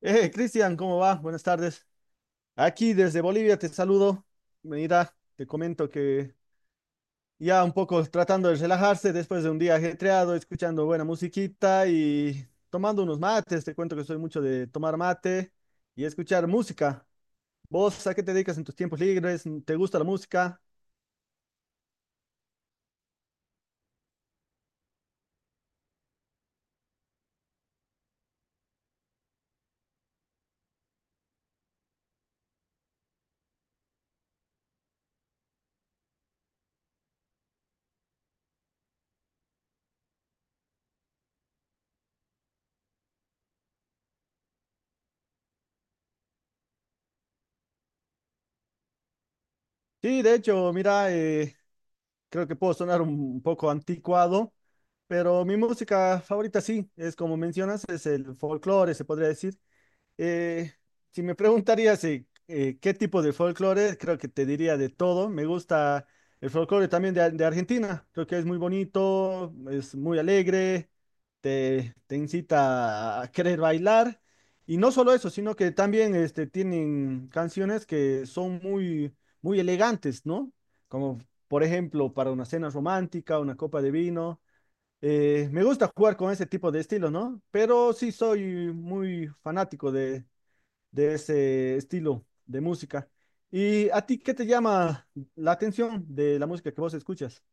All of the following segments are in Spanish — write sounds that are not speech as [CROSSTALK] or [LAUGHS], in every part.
Cristian, ¿cómo va? Buenas tardes. Aquí desde Bolivia te saludo. Mira, te comento que ya un poco tratando de relajarse después de un día ajetreado, escuchando buena musiquita y tomando unos mates. Te cuento que soy mucho de tomar mate y escuchar música. ¿Vos a qué te dedicas en tus tiempos libres? ¿Te gusta la música? Sí, de hecho, mira, creo que puedo sonar un poco anticuado, pero mi música favorita sí, es como mencionas, es el folclore, se podría decir. Eh, si me preguntarías qué tipo de folclore, creo que te diría de todo. Me gusta el folclore también de, de Argentina. Creo que es muy bonito, es muy alegre, te incita a querer bailar. Y no solo eso, sino que también este, tienen canciones que son muy, muy elegantes, ¿no? Como por ejemplo para una cena romántica, una copa de vino. Me gusta jugar con ese tipo de estilo, ¿no? Pero sí soy muy fanático de ese estilo de música. ¿Y a ti qué te llama la atención de la música que vos escuchas?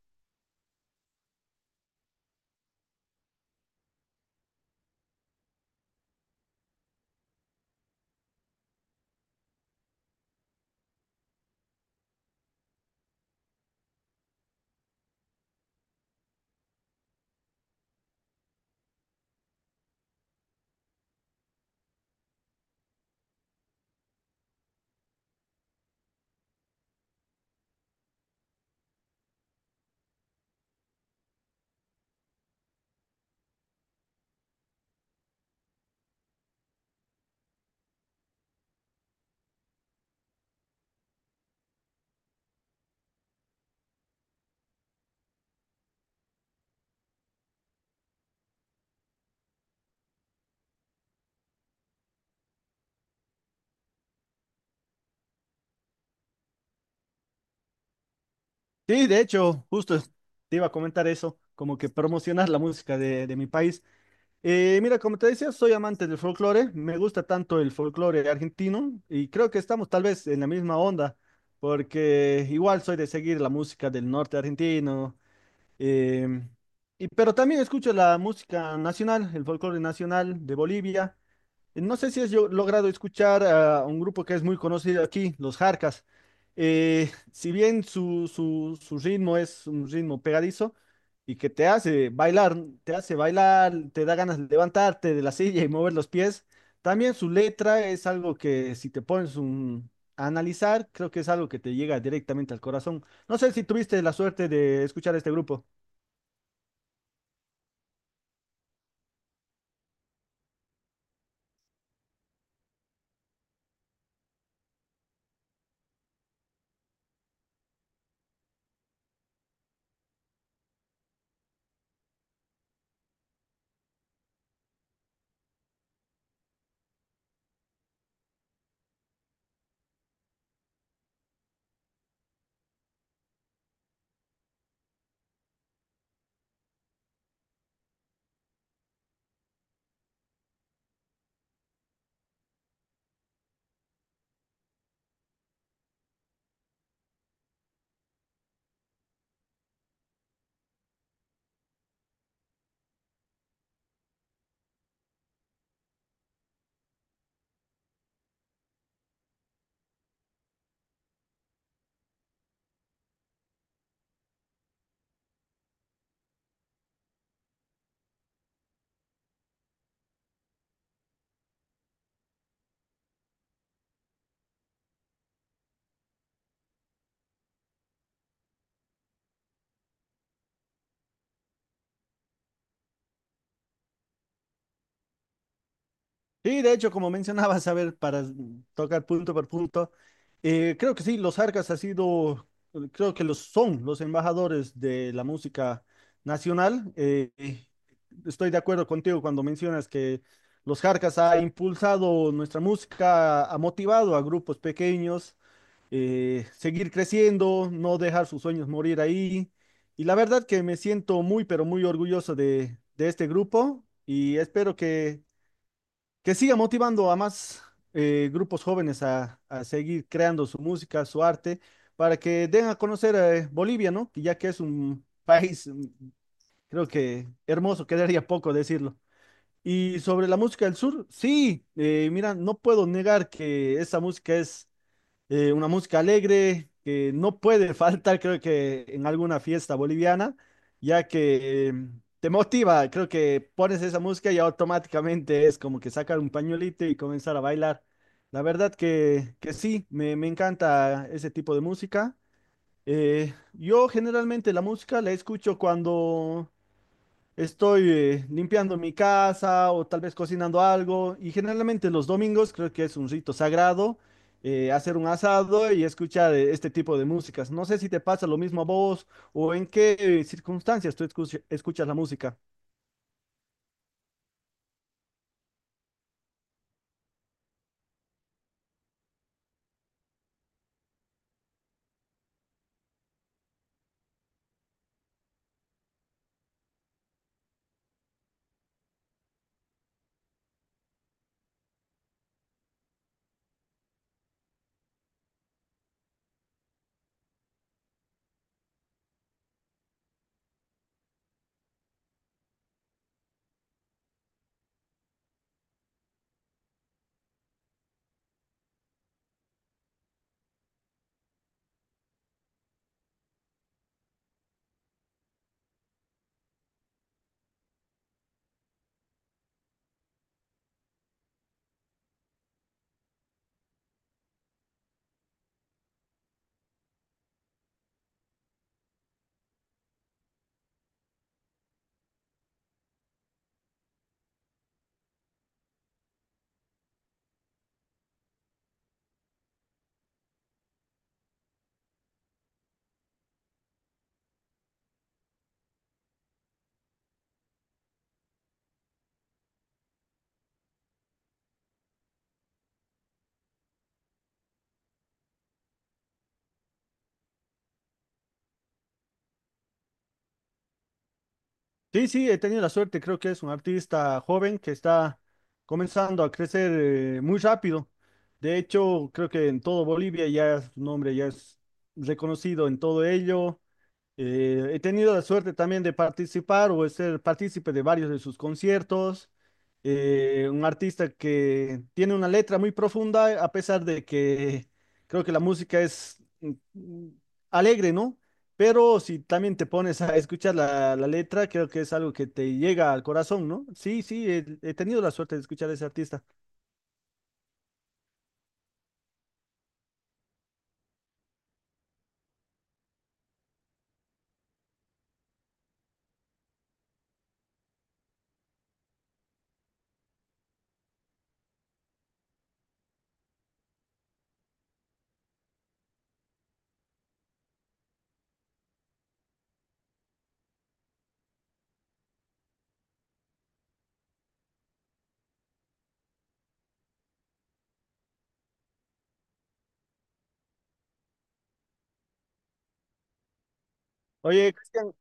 Sí, de hecho, justo te iba a comentar eso, como que promocionar la música de mi país. Mira, como te decía, soy amante del folclore, me gusta tanto el folclore argentino y creo que estamos tal vez en la misma onda, porque igual soy de seguir la música del norte argentino, em, y, pero también escucho la música nacional, el folclore nacional de Bolivia. No sé si has logrado escuchar a un grupo que es muy conocido aquí, los Jarcas. Si bien su ritmo es un ritmo pegadizo y que te hace bailar, te hace bailar, te da ganas de levantarte de la silla y mover los pies, también su letra es algo que si te pones a analizar, creo que es algo que te llega directamente al corazón. No sé si tuviste la suerte de escuchar este grupo. Sí, de hecho, como [LAUGHS] mencionabas, a ver, para tocar punto por punto, creo que sí, los arcas ha sido, creo que los son los embajadores de la música nacional. Estoy de acuerdo contigo cuando mencionas que los Jarcas ha impulsado nuestra música, ha motivado a grupos pequeños seguir creciendo, no dejar sus sueños morir ahí. Y la verdad que me siento muy, pero muy orgulloso de este grupo y espero que siga motivando a más grupos jóvenes a seguir creando su música, su arte, para que den a conocer Bolivia, ¿no? Que ya que es un país, creo que hermoso, quedaría poco decirlo. Y sobre la música del sur, sí, mira, no puedo negar que esa música es una música alegre que no puede [LAUGHS] faltar, creo que en alguna fiesta boliviana, ya que te motiva, creo que pones esa música y automáticamente es como que sacar un pañuelito y comenzar a bailar. La verdad que sí, me encanta ese tipo de música. Yo generalmente la música la escucho cuando estoy limpiando mi casa o tal vez cocinando algo y generalmente los domingos creo que es un rito sagrado hacer un asado y escuchar este tipo de músicas. No sé si te pasa lo mismo a vos o en qué circunstancias tú escuchas la música. Sí, sí, he tenido la suerte, creo que es un artista joven que está comenzando a crecer muy rápido. De hecho, creo que en todo Bolivia ya su nombre ya es reconocido en todo ello. He tenido la suerte también de participar o de ser partícipe de varios de sus conciertos. Un artista que tiene una letra muy profunda, a pesar de que creo que la música es alegre, ¿no? Pero si también te pones a escuchar la letra, creo que es algo que te llega al corazón, ¿no? Sí, sí, he tenido la suerte de escuchar a ese artista. Oye, Cristian,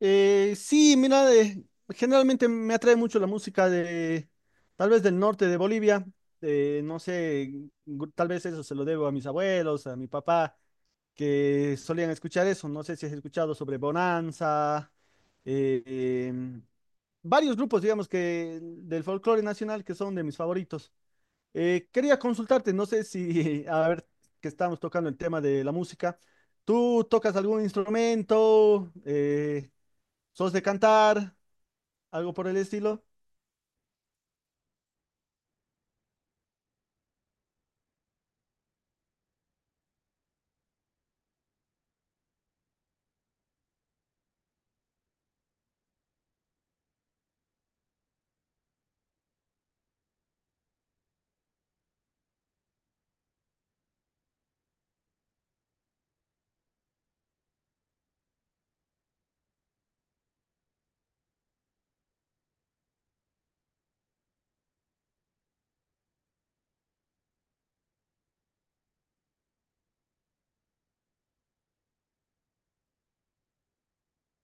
Sí, mira, generalmente me atrae mucho la música de, tal vez del norte de Bolivia, no sé, tal vez eso se lo debo a mis abuelos, a mi papá, que solían escuchar eso, no sé si has escuchado sobre Bonanza, eh, em, varios grupos, digamos, que del folclore nacional que son de mis favoritos. Quería consultarte, no sé si, [LAUGHS] a ver, que estamos tocando el tema de la música, ¿tú tocas algún instrumento? ¿Sos de cantar? ¿Algo por el estilo?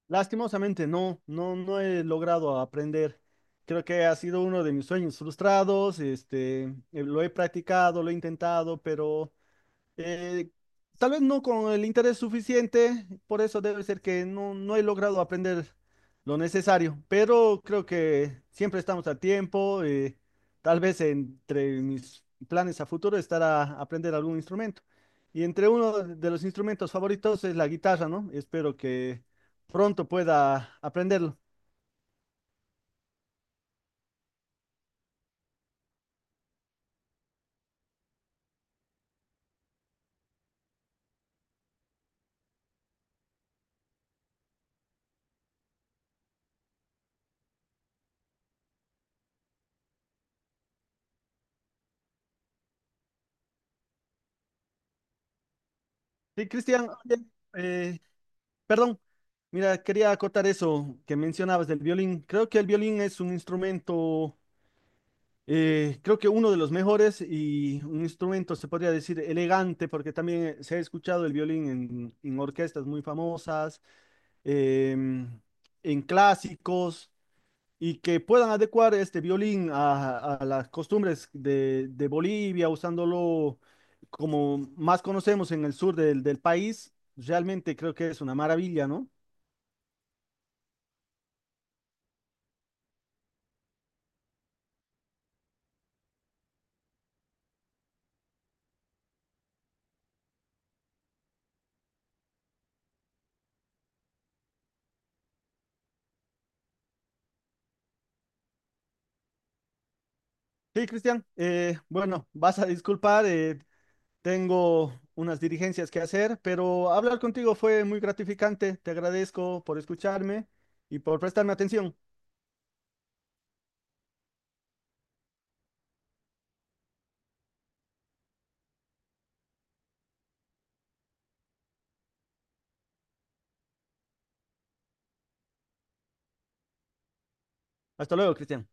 Lastimosamente no, no, no he logrado aprender. Creo que ha sido uno de mis sueños frustrados. Este, lo he practicado, lo he intentado, pero Eh, tal vez no con el interés suficiente, por eso debe ser que no, no he logrado aprender lo necesario, pero creo que siempre estamos a tiempo. Tal vez entre mis planes a futuro estará aprender algún instrumento. Y entre uno de los instrumentos favoritos es la guitarra, ¿no? Espero que pronto pueda aprenderlo. Sí, Cristian, oye, eh, perdón. Mira, quería acotar eso que mencionabas del violín. Creo que el violín es un instrumento. Creo que uno de los mejores y un instrumento, se podría decir, elegante, porque también se ha escuchado el violín en orquestas muy famosas, em, en clásicos, y que puedan adecuar este violín a las costumbres de Bolivia, usándolo como más conocemos en el sur del, del país, realmente creo que es una maravilla, ¿no? Sí, Cristian, bueno, vas a disculpar, tengo unas dirigencias que hacer, pero hablar contigo fue muy gratificante. Te agradezco por escucharme y por prestarme atención. Hasta luego, Cristian.